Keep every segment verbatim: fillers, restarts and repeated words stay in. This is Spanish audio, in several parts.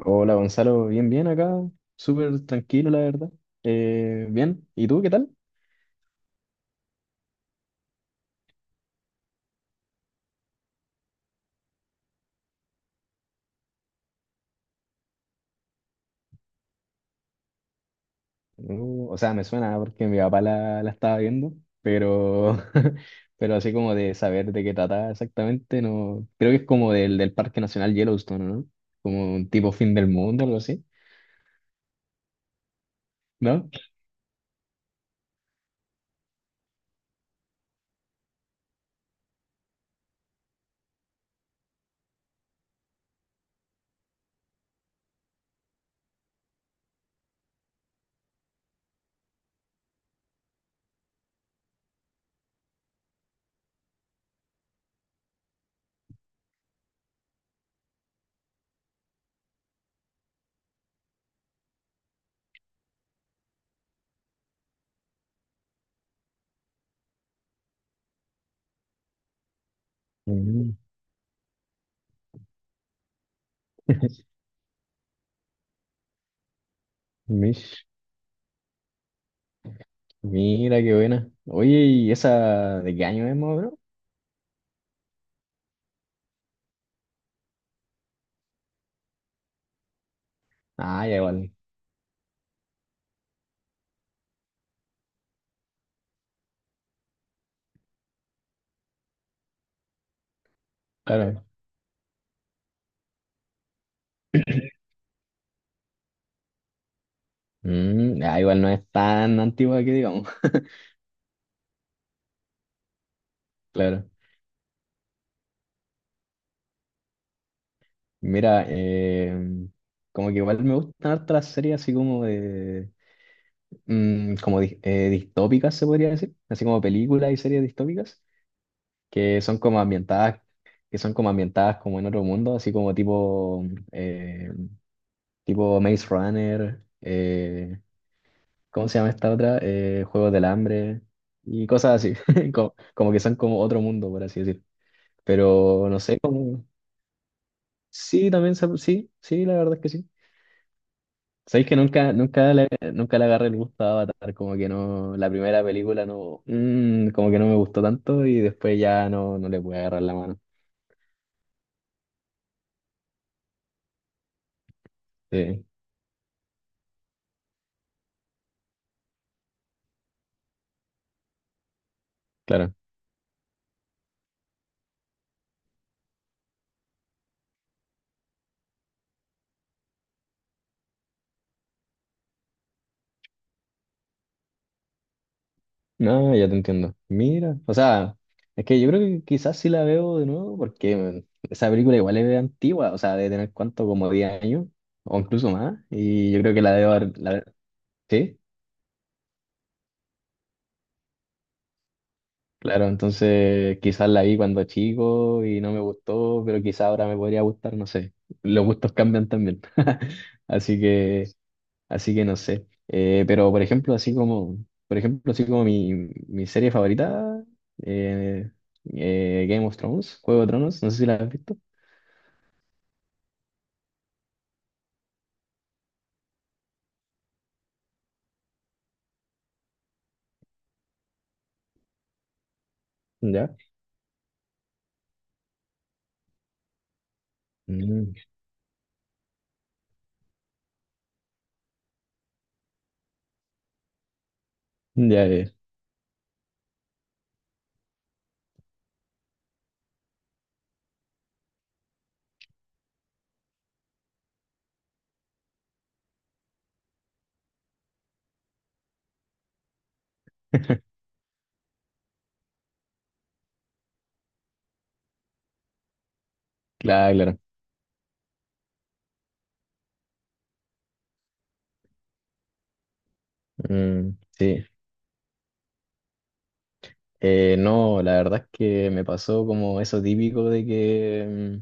Hola Gonzalo, bien, bien acá, súper tranquilo la verdad. Eh, bien, ¿y tú qué tal? Uh, o sea, me suena porque mi papá la, la estaba viendo, pero, pero así como de saber de qué trataba exactamente, no, creo que es como del, del Parque Nacional Yellowstone, ¿no? Como un tipo fin del mundo, algo así, ¿no? Mm, mish, mira qué buena. Oye, ¿y esa de qué año es, más o menos? Ah, ya igual, claro. Mm, ah, igual no es tan antigua que digamos, claro. Mira, eh, como que igual me gustan hartas las series así como de, mm, como di- eh, distópicas se podría decir, así como películas y series distópicas que son como ambientadas, que son como ambientadas como en otro mundo, así como tipo, eh, tipo Maze Runner, eh, ¿cómo se llama esta otra? Eh, Juegos del Hambre y cosas así, como, como que son como otro mundo por así decir. Pero no sé, como sí, también se- sí, sí, la verdad es que sí. Sabéis que nunca, nunca le, nunca le agarré el gusto a Avatar, como que no, la primera película no, mm, como que no me gustó tanto y después ya no, no le pude agarrar la mano. Sí, claro. No, ya te entiendo. Mira, o sea, es que yo creo que quizás sí la veo de nuevo porque mm, esa película igual es antigua, o sea, debe tener cuánto, como diez años o incluso más, y yo creo que la debo haber, la, ¿sí? Claro, entonces quizás la vi cuando chico y no me gustó, pero quizás ahora me podría gustar, no sé. Los gustos cambian también. Así que, así que no sé. Eh, pero por ejemplo, así como, por ejemplo, así como mi, mi serie favorita, eh, eh, Game of Thrones, Juego de Tronos, no sé si la has visto. Ya. Mm, ya, ya. Claro, claro. Mm, sí. Eh, no, la verdad es que me pasó como eso típico de que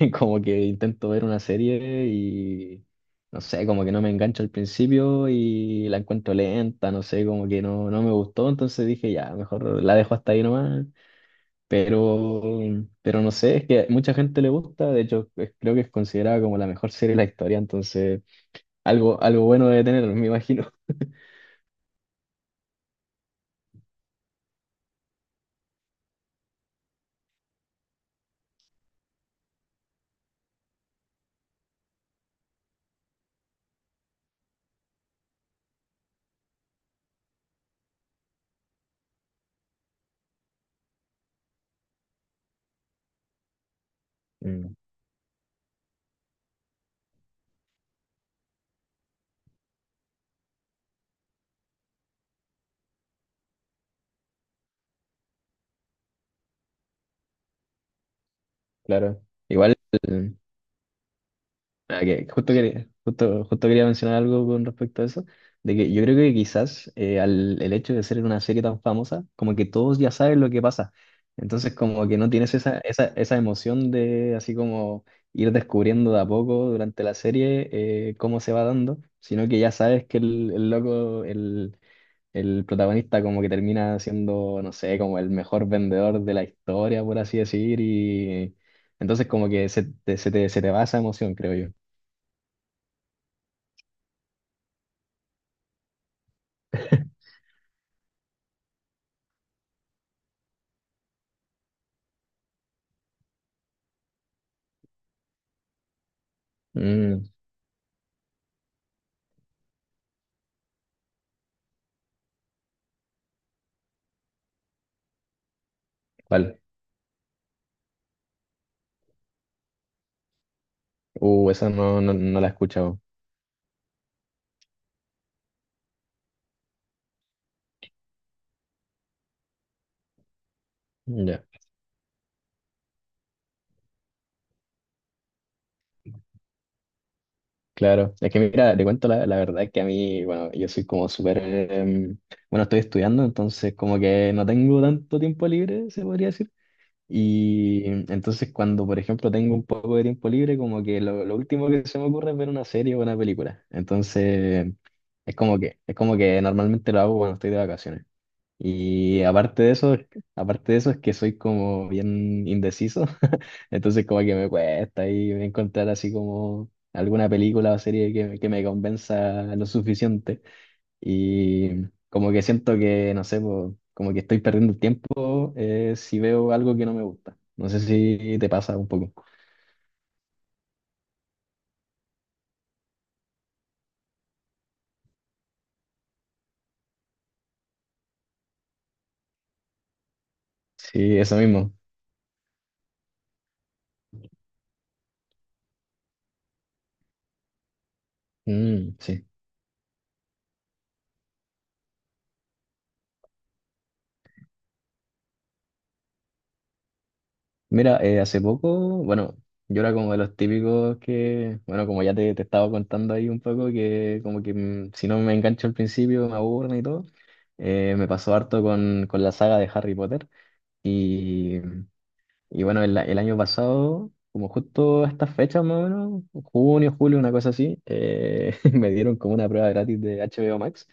mm, como que intento ver una serie y no sé, como que no me engancho al principio y la encuentro lenta, no sé, como que no, no me gustó, entonces dije ya, mejor la dejo hasta ahí nomás. Pero, pero no sé, es que mucha gente le gusta, de hecho es- creo que es considerada como la mejor serie de la historia, entonces algo, algo bueno debe tener, me imagino. Mm, claro. Igual. Ah, que justo quería, justo, justo quería mencionar algo con respecto a eso, de que yo creo que quizás eh, al, el hecho de ser una serie tan famosa, como que todos ya saben lo que pasa, entonces como que no tienes esa, esa, esa emoción de así como ir descubriendo de a poco durante la serie eh, cómo se va dando, sino que ya sabes que el, el loco, el, el protagonista como que termina siendo, no sé, como el mejor vendedor de la historia, por así decir, y entonces como que se, te- se te, se te va esa emoción, creo yo. Mm, vale. Uh, esa no, no, no la he escuchado. Ya, claro. Es que mira, te cuento la, la verdad que a mí, bueno, yo soy como súper, em, bueno, estoy estudiando, entonces como que no tengo tanto tiempo libre, se podría decir. Y em, entonces cuando, por ejemplo, tengo un poco de tiempo libre, como que lo, lo último que se me ocurre es ver una serie o una película. Entonces, es como que, es como que normalmente lo hago cuando estoy de vacaciones. Y aparte de eso, aparte de eso es que soy como bien indeciso, entonces como que me cuesta ahí encontrar así como alguna película o serie que, me- que me convenza lo suficiente. Y como que siento que, no sé, po, como que estoy perdiendo el tiempo eh, si veo algo que no me gusta. No sé si te pasa un poco. Sí, eso mismo. Mm, sí. Mira, eh, hace poco, bueno, yo era como de los típicos que, bueno, como ya te, te estaba contando ahí un poco, que como que mm, si no me engancho al principio me aburren y todo, eh, me pasó harto con, con la saga de Harry Potter. Y, y bueno, el, el año pasado, como justo a estas fechas más o menos, junio, julio, una cosa así, eh, me dieron como una prueba gratis de H B O Max.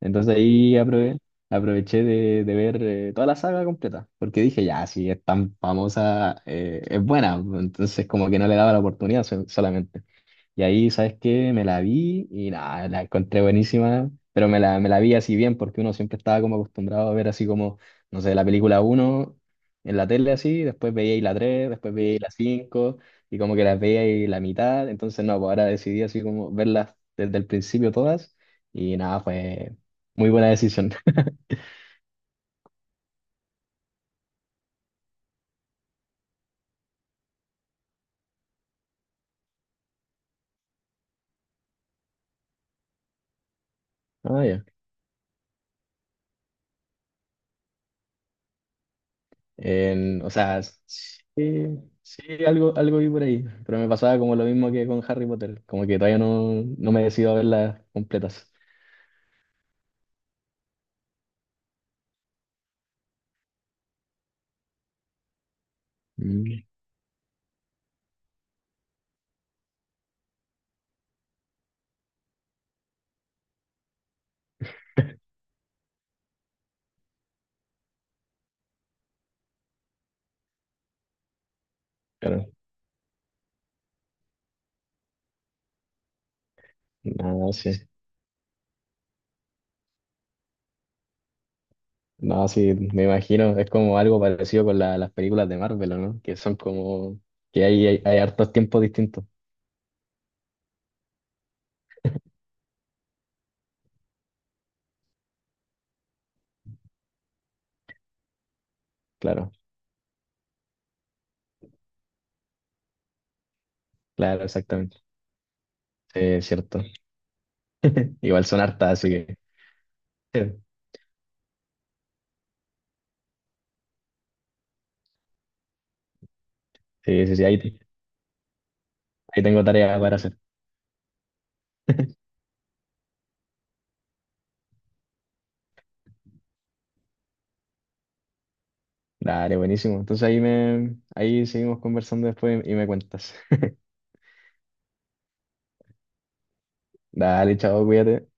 Entonces ahí aprove- aproveché de, de ver eh, toda la saga completa, porque dije, ya, si es tan famosa, eh, es buena, entonces como que no le daba la oportunidad sol- solamente. Y ahí, ¿sabes qué? Me la vi y nada, la encontré buenísima, pero me la, me la vi así bien porque uno siempre estaba como acostumbrado a ver así como, no sé, la película uno en la tele así, después veía y la tres después veía y la cinco y como que las veía y la mitad, entonces no, pues ahora decidí así como verlas desde el principio todas y nada, fue muy buena decisión. Ah, ya. En- o sea, sí, sí, algo, algo vi por ahí, pero me pasaba como lo mismo que con Harry Potter, como que todavía no, no me decido a verlas completas. Mm, claro, no, sí, no, sí, me imagino, es como algo parecido con la- las películas de Marvel, ¿o ¿no? Que son como, que hay, hay, hay hartos tiempos distintos, claro, claro, exactamente, sí, es cierto. Igual son hartas, así que sí, sí, sí, ahí, ahí tengo tarea para hacer. Dale, buenísimo. Entonces ahí me, ahí seguimos conversando después y me cuentas. Dale, chao, cuídate.